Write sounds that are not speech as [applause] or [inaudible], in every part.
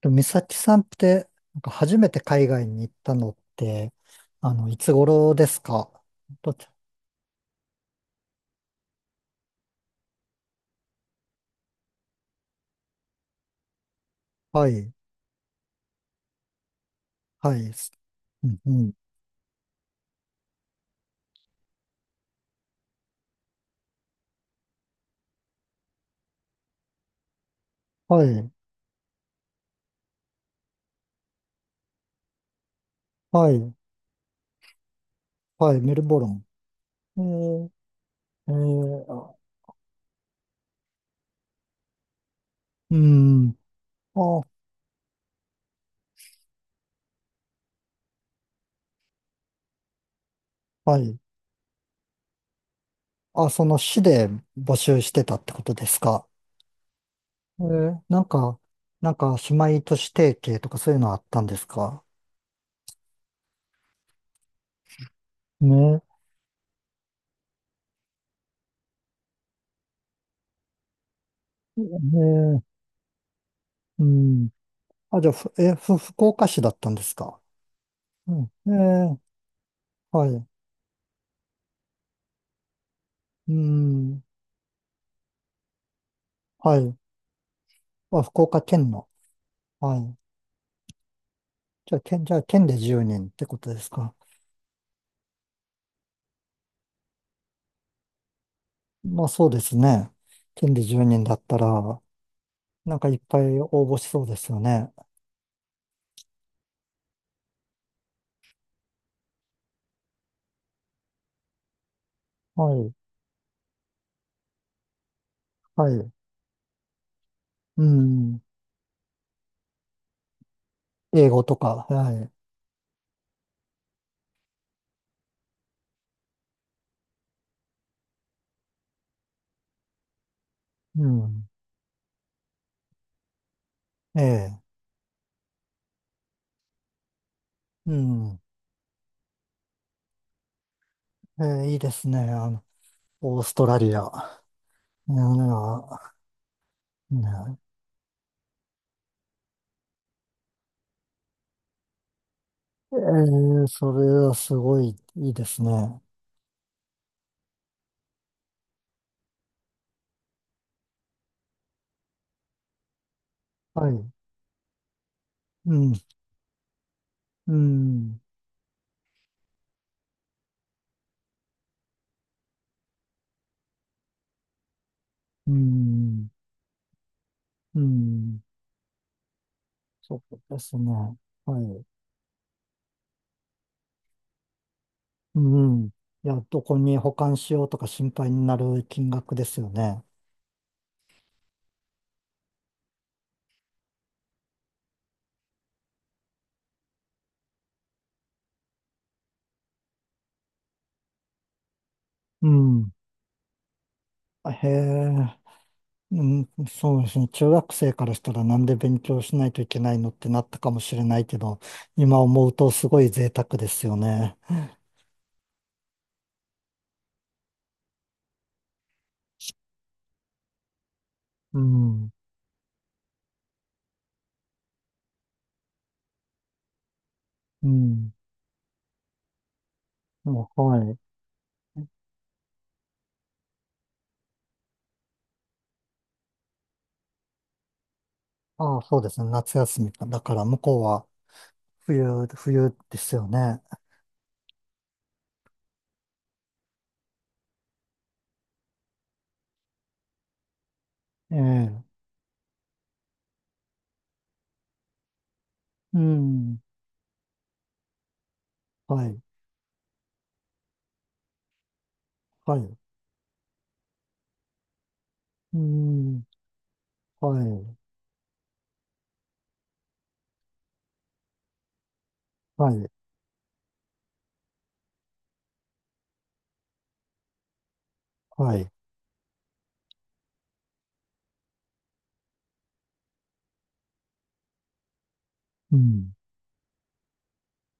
でも美咲さんって、なんか初めて海外に行ったのって、いつ頃ですか？どっち？はい、はい、す、うんうん、はい、はい、はい、メルボルン。えー、えー、あうん、あ、はい。あ、その市で募集してたってことですか？なんか、なんか、姉妹都市提携とかそういうのあったんですか？ね、えー、うん。あ、じゃあ、ふえ、ふ、福岡市だったんですか？うん。え、はい。うん。はい。あ、福岡県の。はい。じゃあ、県、じゃあ、県で10人ってことですか。まあ、そうですね。県で10人だったら、なんかいっぱい応募しそうですよね。はい。はい。うん。英語とか。はい。うん。ええ。うん。ええ、いいですね。オーストラリア。いや、ね、ええ、それはすごいいいですね。はい。うん。うん。うん。うん。そうですね。はい。うん。いや、どこに保管しようとか心配になる金額ですよね。うん。あへえ。うん、そうですね。中学生からしたらなんで勉強しないといけないのってなったかもしれないけど、今思うとすごい贅沢ですよね。うん。うん。もうはい。ああ、そうですね。夏休みか。だから向こうは冬ですよね。ええ。うん。はい。はい。うん。はい。はい。はい。うん。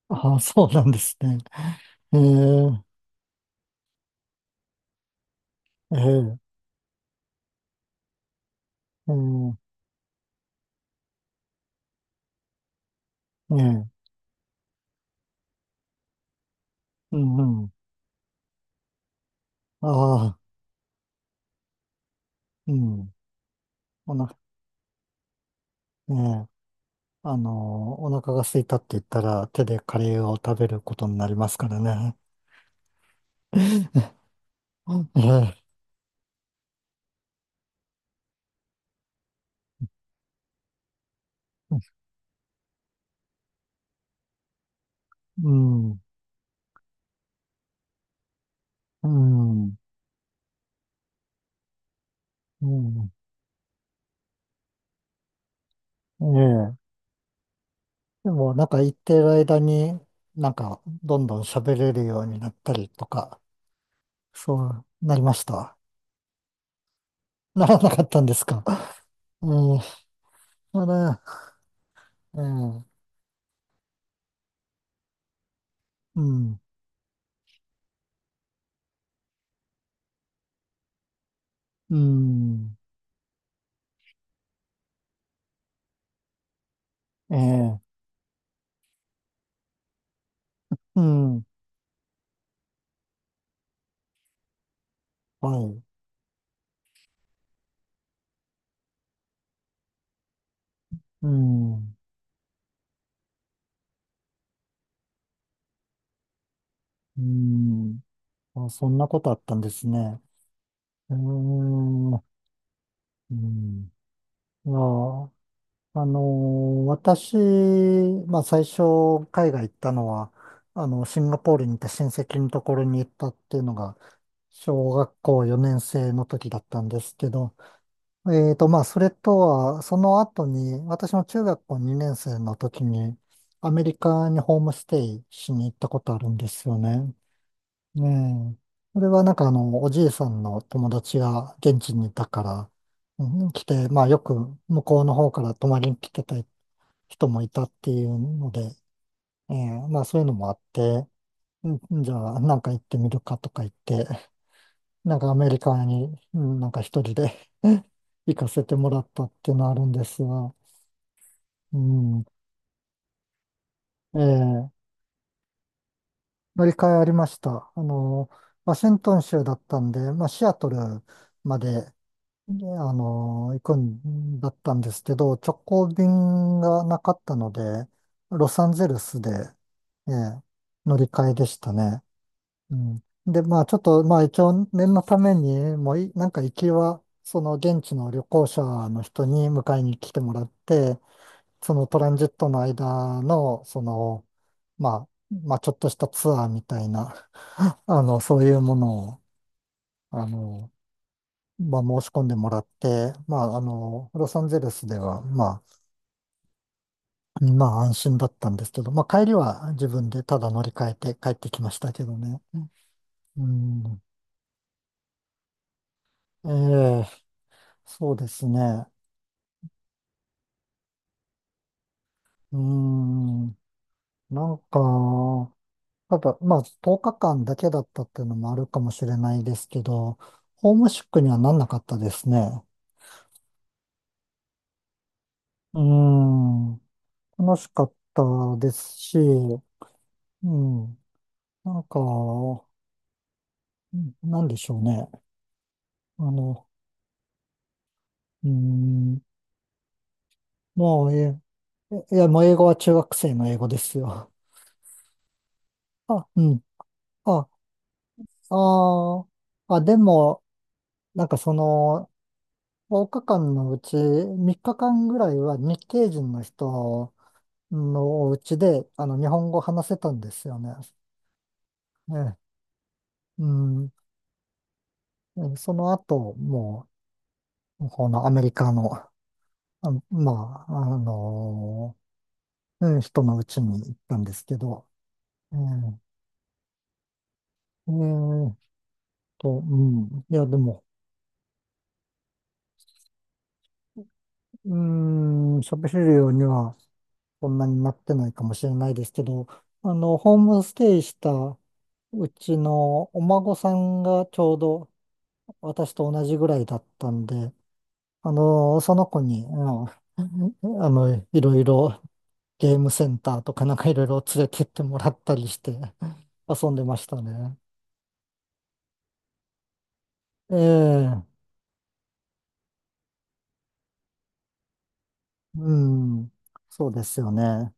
ああ、そうなんですね。ええ、ええー、ええ、うん、うん。ああ、うん。おな、ええ、あのお腹が空いたって言ったら手でカレーを食べることになりますからね。[laughs] ええ、うん、うん、うん。ええ。でも、なんか言ってる間に、なんか、どんどん喋れるようになったりとか、そうなりました？ならなかったんですか。うん、あれ、ええ、うん、うん、ええ、うん、はい、うん、うん。あ、そんなことあったんですね。うーん、うん。いや、私、まあ最初、海外行ったのは、あの、シンガポールに行った親戚のところに行ったっていうのが、小学校4年生の時だったんですけど、まあ、それとは、その後に、私の中学校2年生の時に、アメリカにホームステイしに行ったことあるんですよね。ねえ。それはなんかあの、おじいさんの友達が現地にいたから、うん、来て、まあ、よく向こうの方から泊まりに来てた人もいたっていうので、ええ、まあ、そういうのもあって、うん、じゃあ、なんか行ってみるかとか言って、なんかアメリカに、うん、なんか一人で [laughs] 行かせてもらったっていうのはあるんですが、うん、ええ、乗り換えありました。ワシントン州だったんで、まあ、シアトルまで、ね、あの、行くんだったんですけど、直行便がなかったので、ロサンゼルスで、ええ、乗り換えでしたね。うん。で、まあちょっと、まあ一応念のために、もうい、なんか行きは、その現地の旅行者の人に迎えに来てもらって、そのトランジットの間の、その、まあ、まあちょっとしたツアーみたいな、[laughs] そういうものを、あの、まあ申し込んでもらって、まああの、ロサンゼルスでは、まあ、まあ安心だったんですけど、まあ帰りは自分でただ乗り換えて帰ってきましたけどね。うん。ええ、そうですね。うーん。なんか、ただ、まあ、10日間だけだったっていうのもあるかもしれないですけど、ホームシックにはなんなかったですね。うーん。楽しかったですし、うん。なんか、うん、なんでしょうね。あの、うーん。もう、え、いや、もう英語は中学生の英語ですよ。あ、うん。あ、あーあ、でも、なんかその、5日間のうち3日間ぐらいは日系人の人のお家であの日本語を話せたんですよね。ね、うん、でその後、もう、このアメリカの、あ、まあ、あの、うん、人のうちに行ったんですけど、うん、えーうん、いや、でも、うん、喋れるようにはそんなになってないかもしれないですけど、ホームステイしたうちのお孫さんがちょうど私と同じぐらいだったんで、あの、その子に、あの、あのいろいろゲームセンターとかなんかいろいろ連れてってもらったりして遊んでましたね。ええ、うん、そうですよね。